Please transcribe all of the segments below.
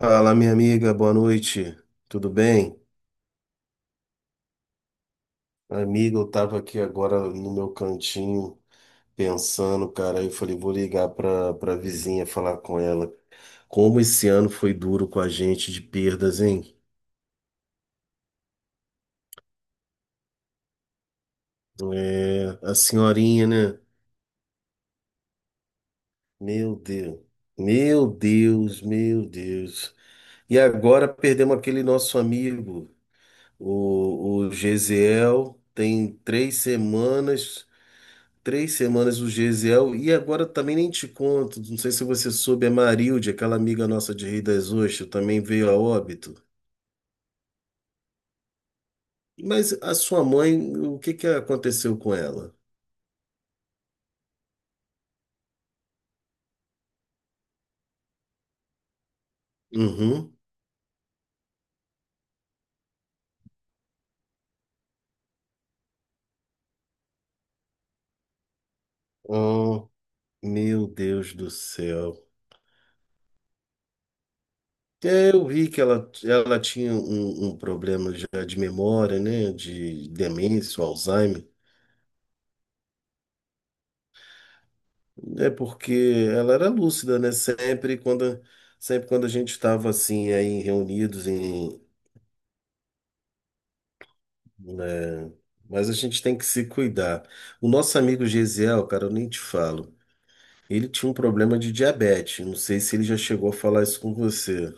Fala, minha amiga, boa noite. Tudo bem? Amiga, eu tava aqui agora no meu cantinho pensando, cara, aí eu falei, vou ligar pra vizinha falar com ela. Como esse ano foi duro com a gente de perdas, hein? É, a senhorinha, né? Meu Deus. Meu Deus, meu Deus. E agora perdemos aquele nosso amigo, o Gesiel, tem 3 semanas. Três semanas o Gesiel, e agora também nem te conto, não sei se você soube, a Marilde, aquela amiga nossa de Rei das Ostras, também veio a óbito. Mas a sua mãe, o que que aconteceu com ela? Uhum. Oh, meu Deus do céu. É, eu vi que ela tinha um problema já de memória, né, de demência, Alzheimer. É porque ela era lúcida, né? Sempre quando a gente estava assim, aí reunidos em, né? Mas a gente tem que se cuidar. O nosso amigo Gesiel, cara, eu nem te falo. Ele tinha um problema de diabetes. Não sei se ele já chegou a falar isso com você.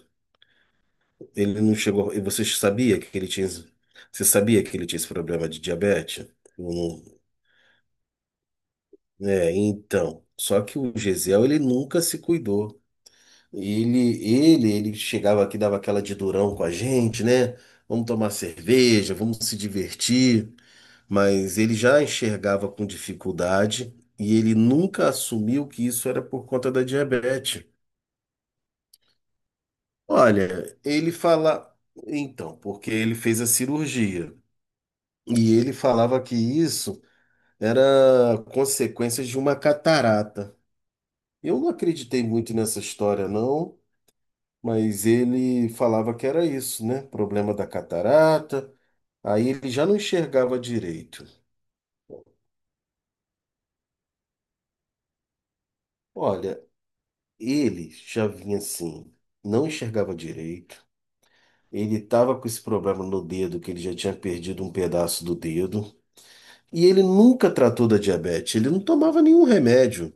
Ele não chegou. E você sabia que ele tinha. Você sabia que ele tinha esse problema de diabetes? Eu não- É, então. Só que o Gesiel, ele nunca se cuidou. Ele chegava aqui, dava aquela de durão com a gente, né? Vamos tomar cerveja, vamos se divertir. Mas ele já enxergava com dificuldade e ele nunca assumiu que isso era por conta da diabetes. Olha, ele fala, então, porque ele fez a cirurgia e ele falava que isso era consequência de uma catarata. Eu não acreditei muito nessa história, não, mas ele falava que era isso, né? Problema da catarata. Aí ele já não enxergava direito. Olha, ele já vinha assim, não enxergava direito. Ele estava com esse problema no dedo, que ele já tinha perdido um pedaço do dedo. E ele nunca tratou da diabetes, ele não tomava nenhum remédio.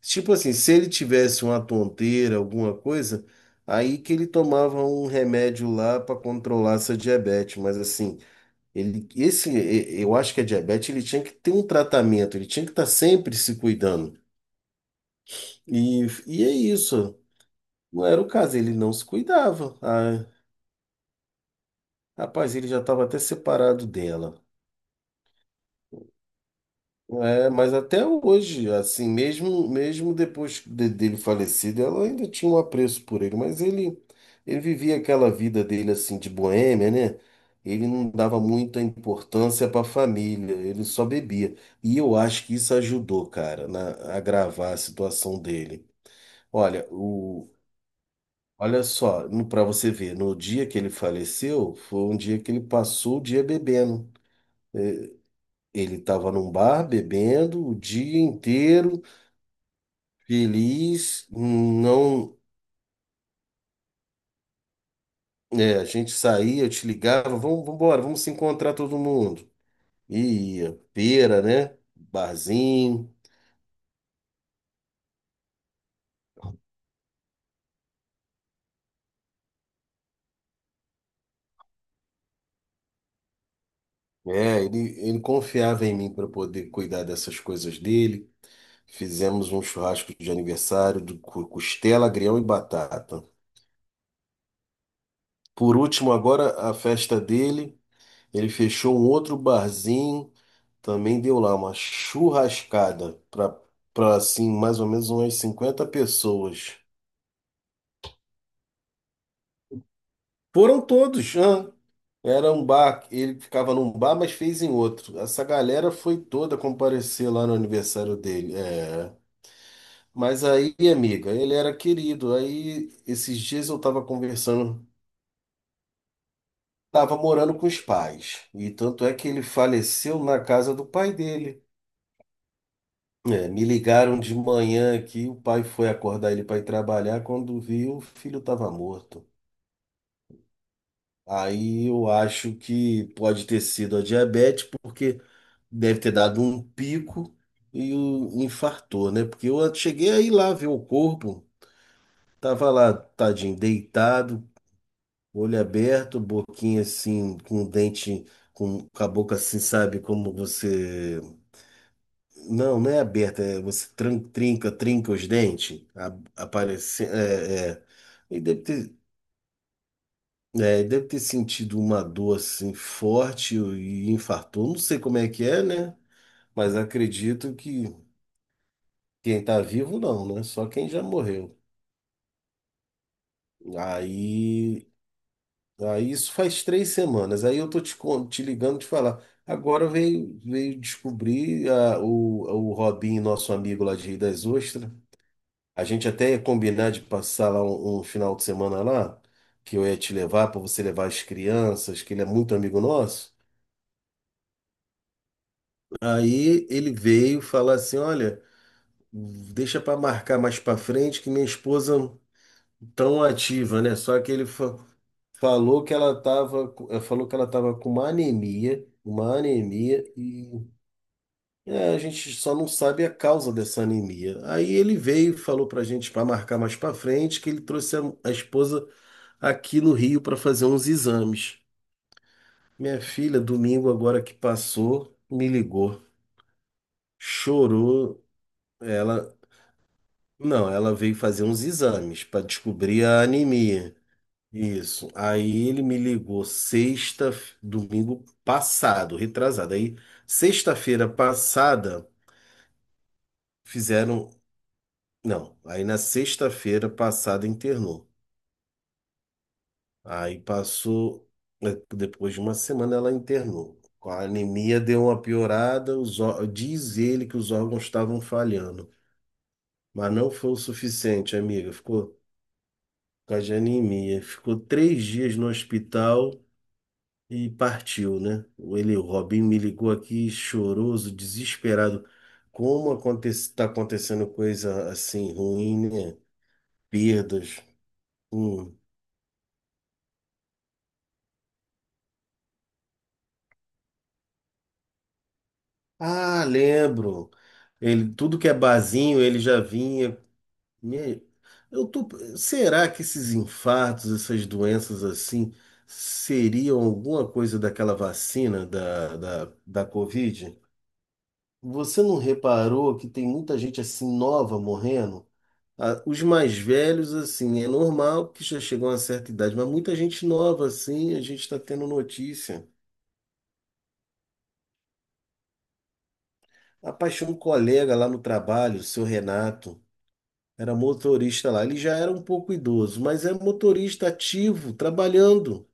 Tipo assim, se ele tivesse uma tonteira, alguma coisa, aí que ele tomava um remédio lá para controlar essa diabetes. Mas assim, eu acho que a diabetes ele tinha que ter um tratamento, ele tinha que estar sempre se cuidando. E, e é isso. Não era o caso, ele não se cuidava. Ah, rapaz, ele já estava até separado dela. É, mas até hoje, assim, mesmo mesmo dele falecido, ela ainda tinha um apreço por ele, mas ele vivia aquela vida dele assim de boêmia, né? Ele não dava muita importância para a família, ele só bebia. E eu acho que isso ajudou, cara, na, a agravar a situação dele. Olha, olha só, para você ver, no dia que ele faleceu, foi um dia que ele passou o dia bebendo. Ele estava num bar bebendo o dia inteiro, feliz, não, é, a gente saía, eu te ligava, vamos, vamos embora, vamos se encontrar todo mundo. E ia, feira, né? Barzinho. É, ele confiava em mim para poder cuidar dessas coisas dele. Fizemos um churrasco de aniversário do costela, agrião e batata. Por último, agora a festa dele, ele fechou um outro barzinho, também deu lá uma churrascada para para assim, mais ou menos umas 50 pessoas. Foram todos, hã? Era um bar, ele ficava num bar, mas fez em outro. Essa galera foi toda comparecer lá no aniversário dele. É. Mas aí, amiga, ele era querido. Aí, esses dias eu tava conversando, tava morando com os pais. E tanto é que ele faleceu na casa do pai dele. É, me ligaram de manhã aqui, o pai foi acordar ele para ir trabalhar, quando viu, o filho estava morto. Aí eu acho que pode ter sido a diabetes, porque deve ter dado um pico e o infartou, né? Porque eu cheguei aí lá ver o corpo, tava lá, tadinho, deitado, olho aberto, boquinha assim, com o dente, com a boca assim, sabe, como você. Não, não é aberta, é você trinca, trinca os dentes, aparece, é, é. E deve ter, é, deve ter sentido uma dor assim forte e infartou. Não sei como é que é, né? Mas acredito que quem tá vivo não, né? Só quem já morreu. Aí, aí isso faz 3 semanas. Aí eu tô te, te ligando te falar. Agora veio, veio descobrir o Robinho, nosso amigo lá de Rio das Ostras. A gente até ia combinar de passar lá um, um final de semana lá, que eu ia te levar para você levar as crianças, que ele é muito amigo nosso. Aí ele veio falar assim, olha, deixa para marcar mais para frente que minha esposa tão ativa, né? Só que falou que ela tava, falou que ela tava com uma anemia e é, a gente só não sabe a causa dessa anemia. Aí ele veio e falou pra gente para marcar mais para frente que ele trouxe a esposa aqui no Rio para fazer uns exames. Minha filha, domingo agora que passou, me ligou. Chorou. Ela, não, ela veio fazer uns exames para descobrir a anemia. Isso. Aí ele me ligou sexta, domingo passado, retrasado. Aí sexta-feira passada fizeram, não, aí na sexta-feira passada internou. Aí passou, né, depois de uma semana ela internou. Com a anemia deu uma piorada, diz ele que os órgãos estavam falhando, mas não foi o suficiente, amiga. Ficou com a de anemia. Ficou 3 dias no hospital e partiu, né? O Robinho me ligou aqui choroso, desesperado. Como acontece, tá acontecendo coisa assim ruim, né? Perdas. Hum. Ah, lembro. Ele, tudo que é barzinho, ele já vinha. E aí, eu tô, será que esses infartos, essas doenças assim, seriam alguma coisa daquela vacina da Covid? Você não reparou que tem muita gente assim nova morrendo? Ah, os mais velhos, assim, é normal que já chegam a uma certa idade, mas muita gente nova, assim, a gente está tendo notícia. Rapaz, tinha um colega lá no trabalho, o seu Renato, era motorista lá. Ele já era um pouco idoso, mas é motorista ativo, trabalhando.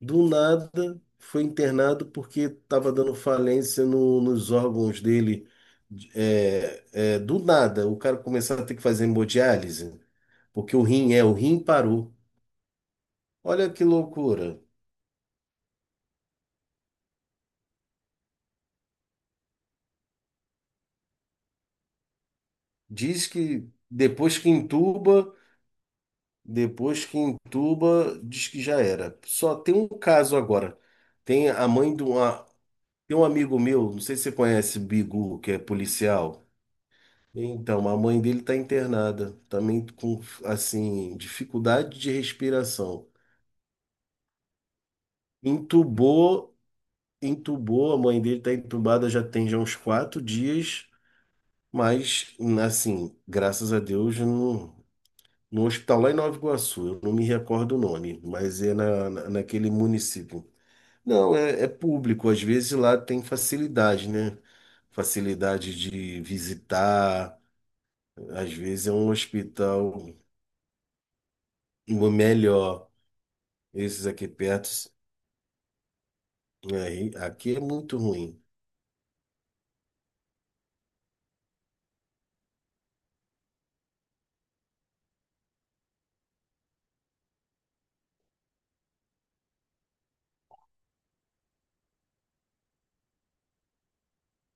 Do nada foi internado porque estava dando falência nos órgãos dele. É, é, do nada, o cara começava a ter que fazer hemodiálise, porque o rim é, o rim parou. Olha que loucura. Diz que depois que entuba, diz que já era. Só tem um caso agora. Tem a mãe de uma, tem um amigo meu, não sei se você conhece, Bigu, que é policial. Então, a mãe dele está internada, também com, assim, dificuldade de respiração. Entubou, entubou, a mãe dele está entubada já tem já uns 4 dias, mas, assim, graças a Deus, no, no hospital lá em Nova Iguaçu, eu não me recordo o nome, mas é naquele município. Não, é, é público, às vezes lá tem facilidade, né? Facilidade de visitar, às vezes é um hospital melhor. Esses aqui perto, aí, aqui é muito ruim.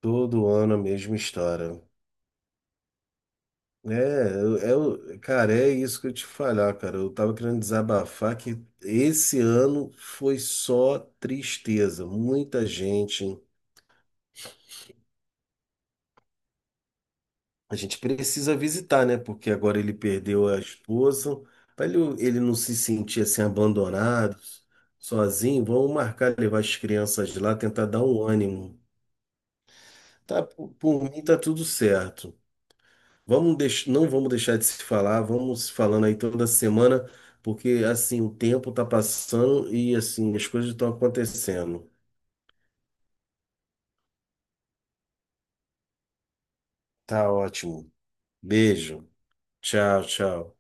Todo ano a mesma história. É, cara, é isso que eu te falar, cara. Eu tava querendo desabafar que esse ano foi só tristeza. Muita gente. A gente precisa visitar, né? Porque agora ele perdeu a esposa. Para ele, ele não se sentir assim abandonado, sozinho, vamos marcar levar as crianças lá, tentar dar um ânimo. Tá, por mim tá tudo certo. Vamos deix... Não vamos deixar de se falar, vamos se falando aí toda semana, porque assim, o tempo tá passando e assim, as coisas estão acontecendo. Tá ótimo. Beijo. Tchau, tchau.